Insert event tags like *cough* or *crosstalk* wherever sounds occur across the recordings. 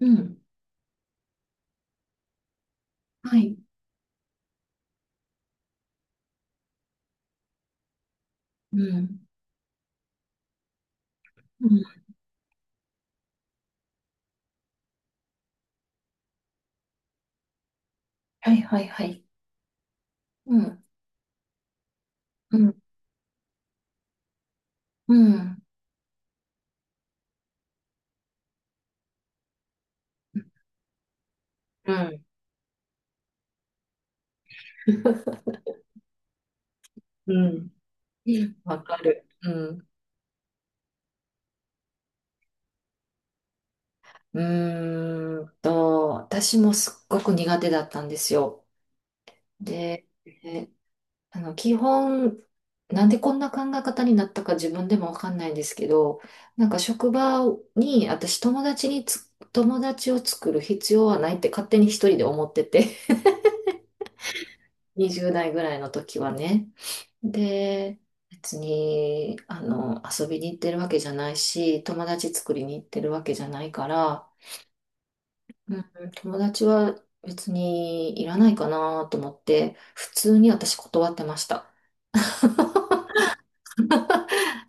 うん。はい。うん。うん。はいはいはい。うん。うん。うん。うん。うん。わかる。うん。うーんと、私もすっごく苦手だったんですよ。で、あの、基本、なんでこんな考え方になったか自分でもわかんないんですけど、なんか職場に、私友達に友達を作る必要はないって勝手に一人で思ってて20代ぐらいの時はね。で、別に、あの、遊びに行ってるわけじゃないし、友達作りに行ってるわけじゃないから、うん、友達は別にいらないかなと思って、普通に私断ってました。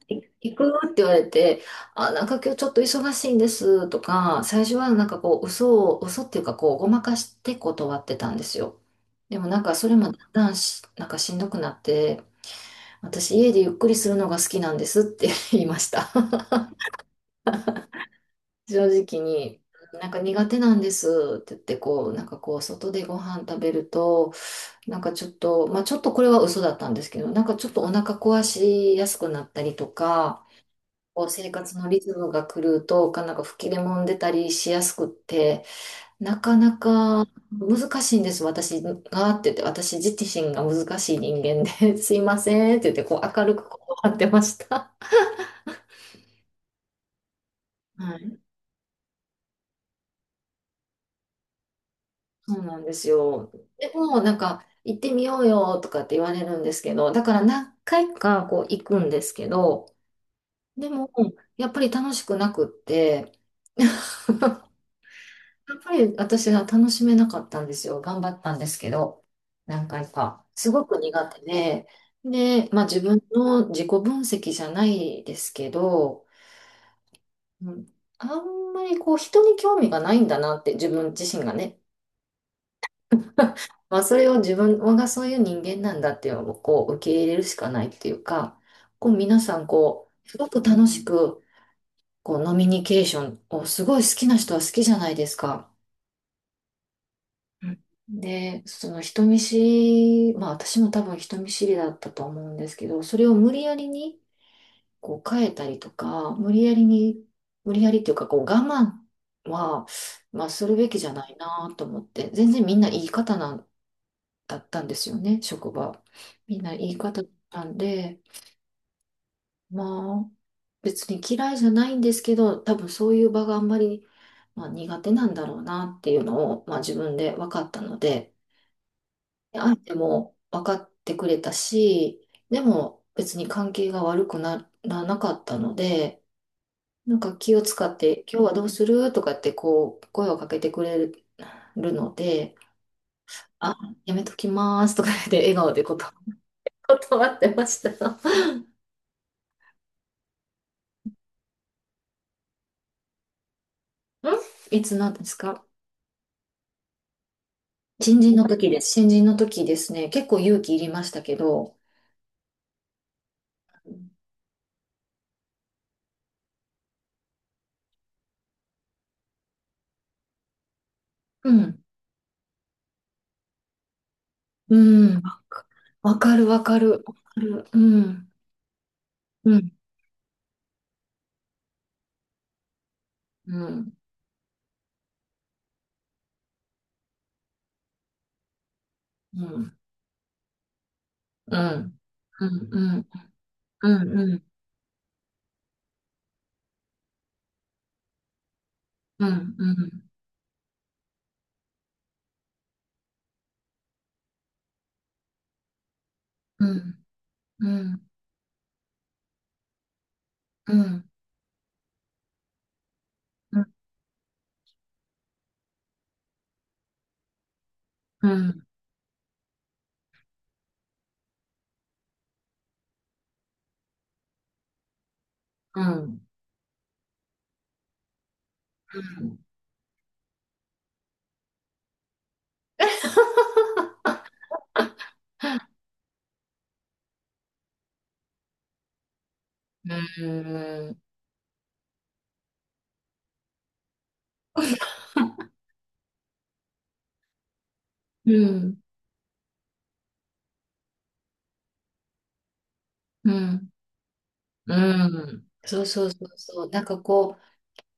行くって言われて、あ、なんか今日ちょっと忙しいんですとか、最初はなんかこう、嘘っていうかこう、ごまかして断ってたんですよ。でもなんかそれもだんだんなんかしんどくなって、私家でゆっくりするのが好きなんですって言いました。*laughs* 正直に。なんか苦手なんですって言ってこう、なんかこう外でご飯食べると、なんかちょっと、まあちょっとこれは嘘だったんですけど、なんかちょっとお腹壊しやすくなったりとか、こう生活のリズムが狂うと、なんか吹き出もんでたりしやすくって、なかなか難しいんです、私がって言って、私自身が難しい人間で、*laughs* すいませんって言ってこう明るくこう張ってました。*laughs* はい、そうなんですよ。でも、なんか、行ってみようよとかって言われるんですけど、だから何回かこう行くんですけど、でも、やっぱり楽しくなくって、*laughs* やっぱり私は楽しめなかったんですよ。頑張ったんですけど、何回か。すごく苦手で、で、まあ自分の自己分析じゃないですけど、うん、あんまりこう人に興味がないんだなって自分自身がね、まあ、それを自分がそういう人間なんだっていうのをこう受け入れるしかないっていうか、こう皆さんこう、すごく楽しくこうノミニケーションをすごい好きな人は好きじゃないですか。うん。で、その人見知り、まあ私も多分人見知りだったと思うんですけど、それを無理やりにこう変えたりとか、無理やりに、無理やりっていうかこう我慢は、まあするべきじゃないなと思って、全然みんないい方なだったんですよね、職場。みんないい方だったんで、まあ、別に嫌いじゃないんですけど、多分そういう場があんまり、まあ、苦手なんだろうなっていうのを、まあ、自分で分かったので、相手も分かってくれたし、でも別に関係が悪くならなかったので、なんか気を使って、今日はどうするとかってこう、声をかけてくれるので、あ、やめときますとか言って笑顔でこと断ってました。ん、いつなんですか。新人の時です。新人の時ですね。結構勇気いりましたけど。うん。うん。かわかるわかる。わかる。うん。うん。うん。うん。うん。うん。うん。うん。うん。うん。うん。うん。うん。うん。うん。うん。うん。うん。うん。うん。うん、そうそうそうそうなんかこ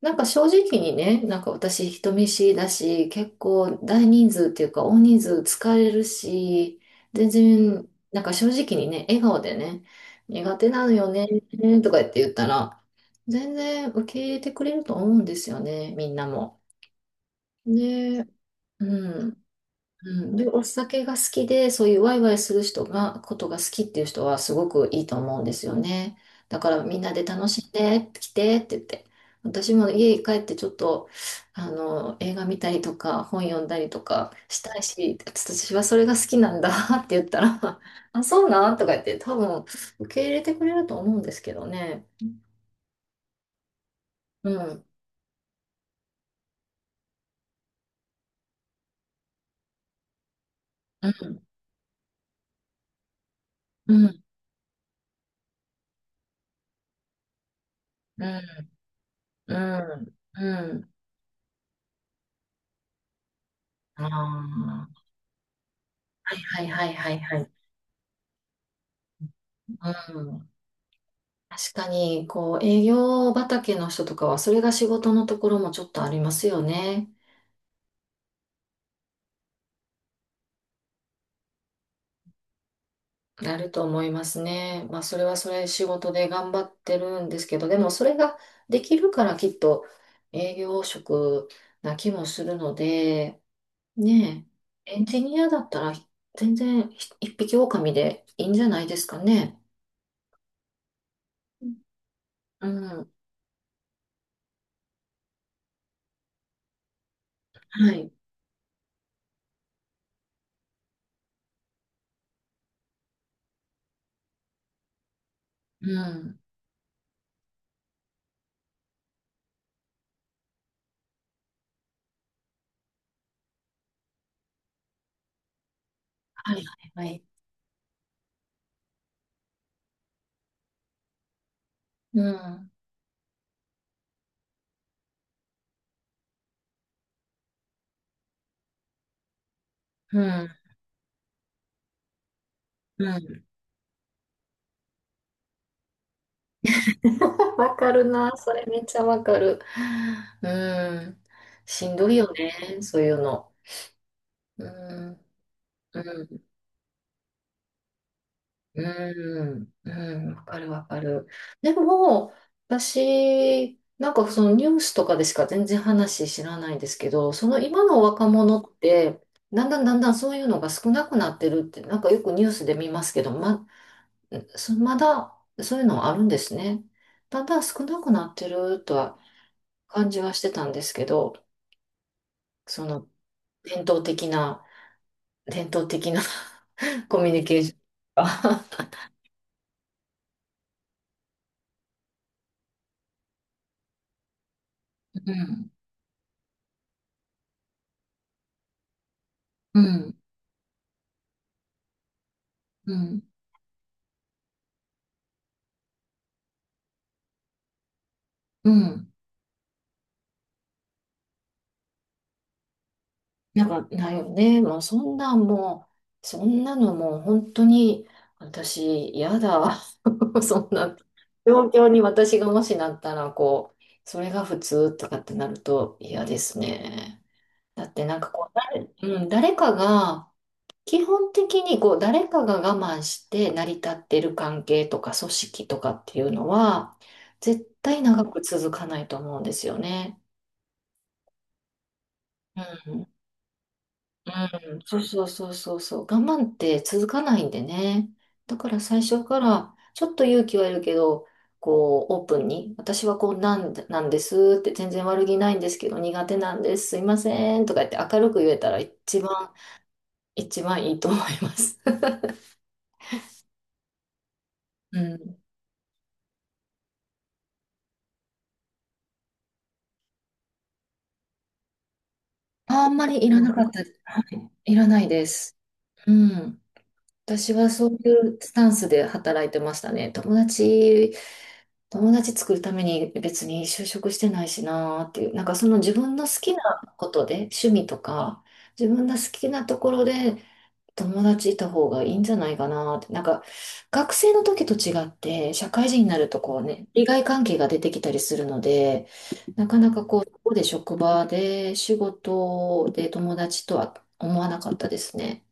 う、なんか正直にね、なんか私人見知りだし、結構大人数っていうか大人数疲れるし、全然、なんか正直にね、笑顔でね、苦手なのよね、とか言って言ったら、全然受け入れてくれると思うんですよね、みんなも。で、うん。うん、で、お酒が好きで、そういうワイワイする人が、ことが好きっていう人はすごくいいと思うんですよね。だからみんなで楽しんで、来てって言って。私も家に帰ってちょっと、あの、映画見たりとか、本読んだりとかしたいし、私はそれが好きなんだ *laughs* って言ったら、あ、そうなんとか言って、多分受け入れてくれると思うんですけどね。うん、うん、うん、うん、うん、うん。ああ、はいはいはいはいはい。うん、確かに、こう、営業畑の人とかは、それが仕事のところもちょっとありますよね。なると思いますね。まあ、それはそれ仕事で頑張ってるんですけど、でもそれができるからきっと営業職な気もするので、ね、え、エンジニアだったら全然一匹狼でいいんじゃないですかね。うん。はい。うん。はいはいはい。うん。うん。うん。*laughs* わかるな。それめっちゃわかる。うん。しんどいよね。そういうの。うん。うん。うん。うん。わかるわかる。でも、私、なんかそのニュースとかでしか全然話知らないんですけど、その今の若者って、だんだんだんだんそういうのが少なくなってるって、なんかよくニュースで見ますけど、ま、まだそういうのあるんですね。だんだん少なくなってるとは感じはしてたんですけど、その伝統的な、伝統的な *laughs* コミュニケーションが *laughs* うん、うん、うん、うん。なんかないよね。もうそんなんもう、そんなのもう本当に私嫌だ。*laughs* そんな状況に私がもしなったら、こう、それが普通とかってなると嫌ですね。だってなんかこう、うん、誰かが、基本的にこう誰かが我慢して成り立ってる関係とか組織とかっていうのは絶対長く続かないと思うんですよね。うん。うん。そうそうそうそうそう。我慢って続かないんでね。だから最初からちょっと勇気はいるけど、こうオープンに私はこうなんで、なんですって全然悪気ないんですけど苦手なんです。すいませんとか言って明るく言えたら一番いいと思います。*laughs* うん。あんまりいらなかった、はい、いらないです。うん。私はそういうスタンスで働いてましたね。友達、友達作るために別に就職してないしなーっていう、なんかその自分の好きなことで、趣味とか、自分の好きなところで友達いた方がいいんじゃないかなって。なんか、学生の時と違って、社会人になるとこうね、利害関係が出てきたりするので、なかなかこう、ここで職場で仕事で友達とは思わなかったですね。